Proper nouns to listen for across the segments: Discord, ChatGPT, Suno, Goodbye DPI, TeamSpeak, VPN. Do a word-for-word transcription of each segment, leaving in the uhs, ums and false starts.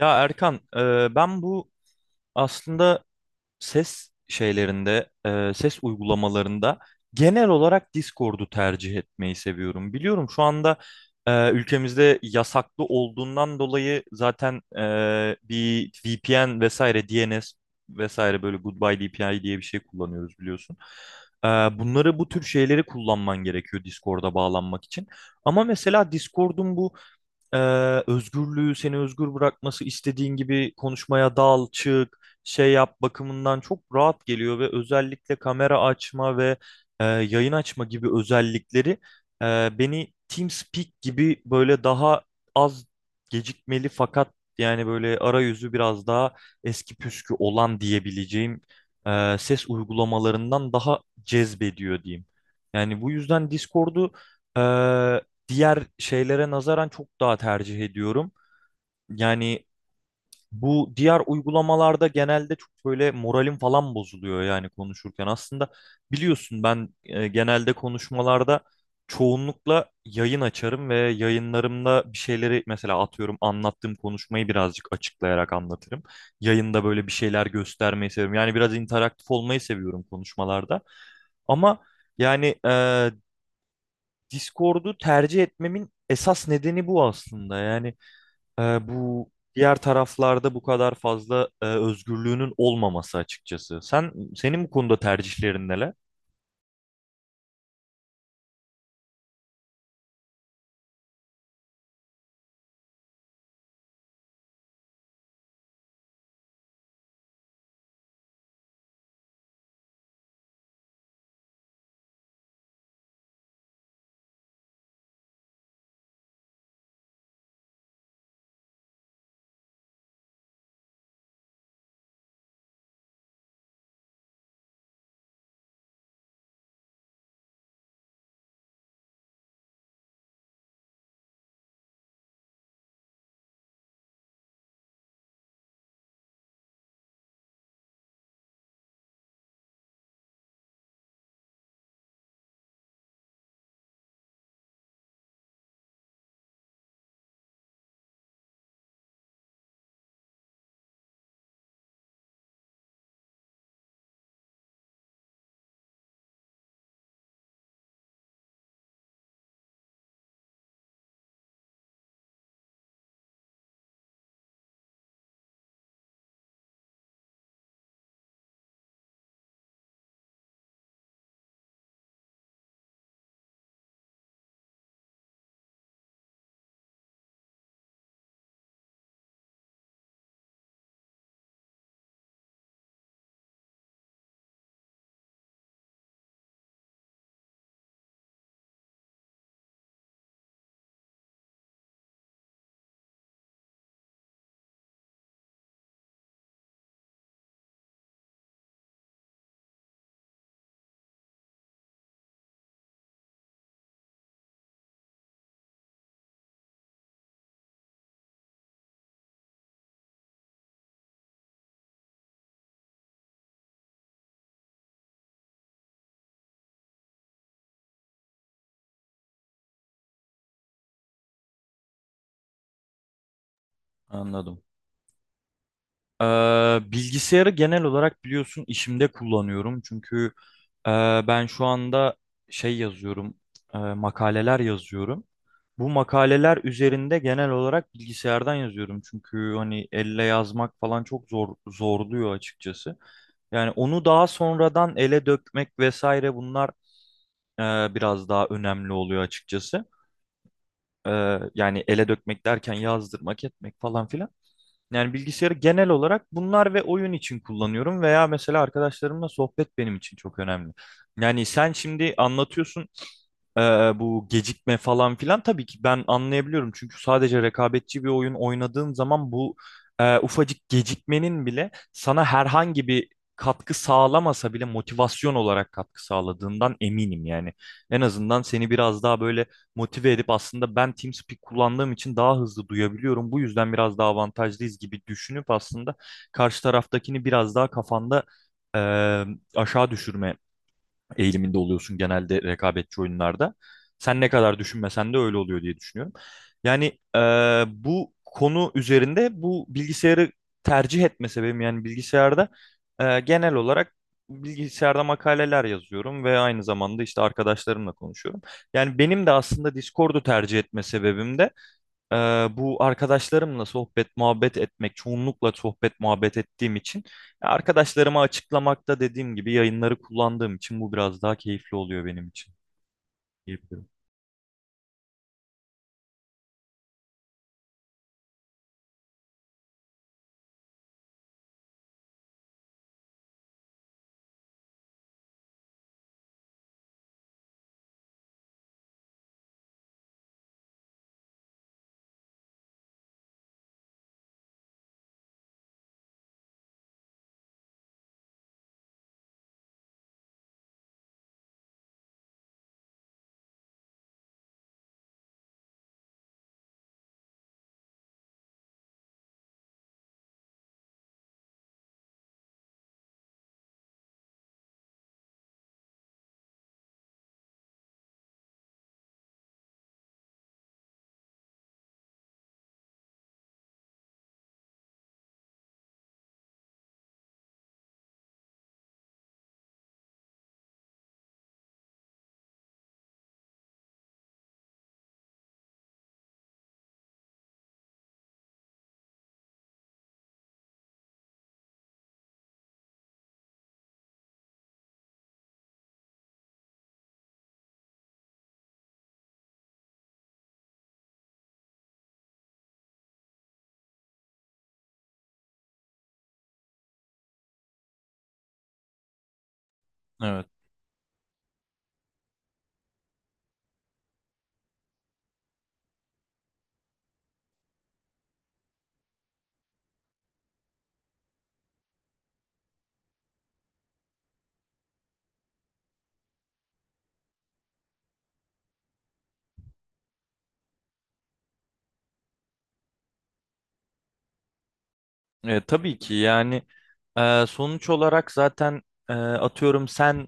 Ya Erkan, e, ben bu aslında ses şeylerinde, e, ses uygulamalarında genel olarak Discord'u tercih etmeyi seviyorum. Biliyorum şu anda e, ülkemizde yasaklı olduğundan dolayı zaten e, bir V P N vesaire, D N S vesaire böyle Goodbye D P I diye bir şey kullanıyoruz biliyorsun. E, bunları bu tür şeyleri kullanman gerekiyor Discord'a bağlanmak için. Ama mesela Discord'un bu e, özgürlüğü seni özgür bırakması istediğin gibi konuşmaya dal, çık, şey yap bakımından çok rahat geliyor ve özellikle kamera açma ve e, yayın açma gibi özellikleri e, beni TeamSpeak gibi böyle daha az gecikmeli fakat yani böyle arayüzü biraz daha eski püskü olan diyebileceğim e, ses uygulamalarından daha cezbediyor diyeyim. Yani bu yüzden Discord'u e, diğer şeylere nazaran çok daha tercih ediyorum. Yani bu diğer uygulamalarda genelde çok böyle moralim falan bozuluyor yani konuşurken. Aslında biliyorsun ben e, genelde konuşmalarda çoğunlukla yayın açarım ve yayınlarımda bir şeyleri mesela atıyorum anlattığım konuşmayı birazcık açıklayarak anlatırım. Yayında böyle bir şeyler göstermeyi seviyorum. Yani biraz interaktif olmayı seviyorum konuşmalarda. Ama yani e, Discord'u tercih etmemin esas nedeni bu aslında. Yani e, bu diğer taraflarda bu kadar fazla e, özgürlüğünün olmaması açıkçası. Sen senin bu konuda tercihlerin neler? Anladım. Ee, bilgisayarı genel olarak biliyorsun işimde kullanıyorum. Çünkü e, ben şu anda şey yazıyorum, e, makaleler yazıyorum. Bu makaleler üzerinde genel olarak bilgisayardan yazıyorum. Çünkü hani elle yazmak falan çok zor zorluyor açıkçası. Yani onu daha sonradan ele dökmek vesaire bunlar e, biraz daha önemli oluyor açıkçası. E, Yani ele dökmek derken yazdırmak, etmek falan filan. Yani bilgisayarı genel olarak bunlar ve oyun için kullanıyorum veya mesela arkadaşlarımla sohbet benim için çok önemli. Yani sen şimdi anlatıyorsun e, bu gecikme falan filan tabii ki ben anlayabiliyorum. Çünkü sadece rekabetçi bir oyun oynadığın zaman bu e, ufacık gecikmenin bile sana herhangi bir katkı sağlamasa bile motivasyon olarak katkı sağladığından eminim yani. En azından seni biraz daha böyle motive edip aslında ben TeamSpeak kullandığım için daha hızlı duyabiliyorum. Bu yüzden biraz daha avantajlıyız gibi düşünüp aslında karşı taraftakini biraz daha kafanda e, aşağı düşürme eğiliminde oluyorsun genelde rekabetçi oyunlarda. Sen ne kadar düşünmesen de öyle oluyor diye düşünüyorum. Yani e, bu konu üzerinde bu bilgisayarı tercih etme sebebim yani bilgisayarda e, genel olarak bilgisayarda makaleler yazıyorum ve aynı zamanda işte arkadaşlarımla konuşuyorum. Yani benim de aslında Discord'u tercih etme sebebim de ee, bu arkadaşlarımla sohbet muhabbet etmek çoğunlukla sohbet muhabbet ettiğim için ya arkadaşlarıma açıklamakta dediğim gibi yayınları kullandığım için bu biraz daha keyifli oluyor benim için. Keyifli. Evet. E, tabii ki yani e, sonuç olarak zaten e, atıyorum sen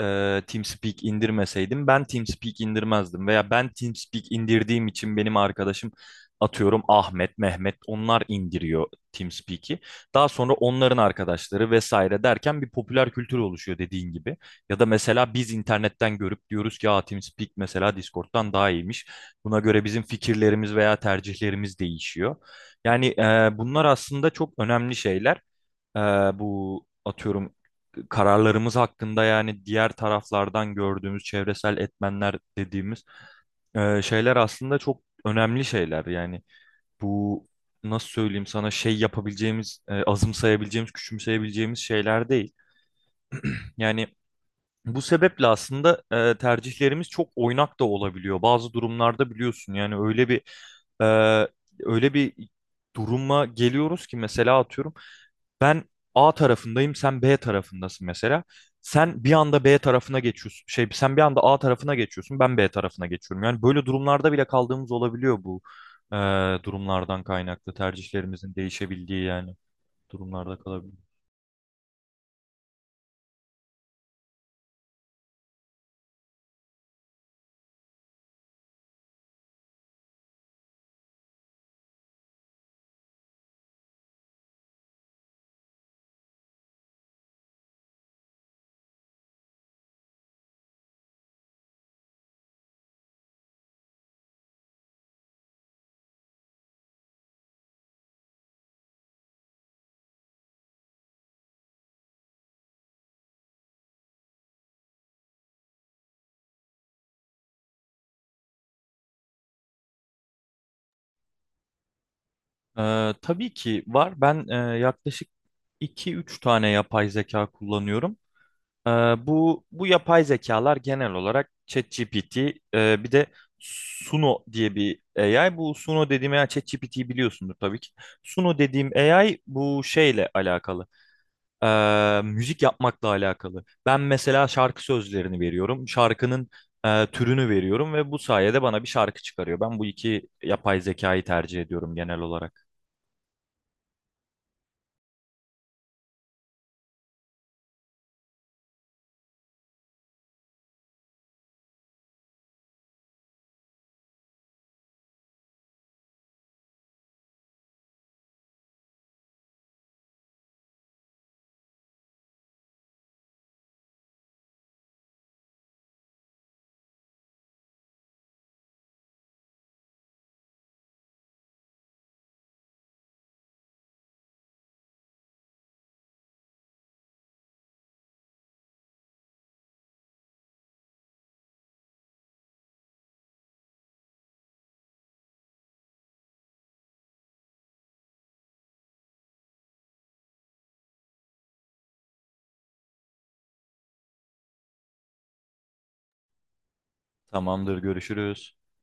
e, TeamSpeak indirmeseydin ben TeamSpeak indirmezdim veya ben TeamSpeak indirdiğim için benim arkadaşım atıyorum Ahmet, Mehmet onlar indiriyor TeamSpeak'i. Daha sonra onların arkadaşları vesaire derken bir popüler kültür oluşuyor dediğin gibi. Ya da mesela biz internetten görüp diyoruz ki ya TeamSpeak mesela Discord'dan daha iyiymiş. Buna göre bizim fikirlerimiz veya tercihlerimiz değişiyor. Yani e, bunlar aslında çok önemli şeyler. E, Bu atıyorum kararlarımız hakkında yani diğer taraflardan gördüğümüz çevresel etmenler dediğimiz e, şeyler aslında çok önemli şeyler. Yani bu nasıl söyleyeyim sana şey yapabileceğimiz, e, azımsayabileceğimiz, küçümseyebileceğimiz şeyler değil. Yani bu sebeple aslında e, tercihlerimiz çok oynak da olabiliyor. Bazı durumlarda biliyorsun yani öyle bir e, öyle bir duruma geliyoruz ki mesela atıyorum ben A tarafındayım sen B tarafındasın mesela. Sen bir anda B tarafına geçiyorsun. Şey sen bir anda A tarafına geçiyorsun ben B tarafına geçiyorum. Yani böyle durumlarda bile kaldığımız olabiliyor bu e, durumlardan kaynaklı tercihlerimizin değişebildiği yani durumlarda kalabiliyor. Ee, tabii ki var. Ben e, yaklaşık iki üç tane yapay zeka kullanıyorum. Ee, Bu bu yapay zekalar genel olarak ChatGPT, e, bir de Suno diye bir A I. Bu Suno dediğim A I ChatGPT'yi biliyorsundur tabii ki. Suno dediğim A I bu şeyle alakalı. Ee, müzik yapmakla alakalı. Ben mesela şarkı sözlerini veriyorum. Şarkının e, türünü veriyorum ve bu sayede bana bir şarkı çıkarıyor. Ben bu iki yapay zekayı tercih ediyorum genel olarak. Tamamdır, görüşürüz.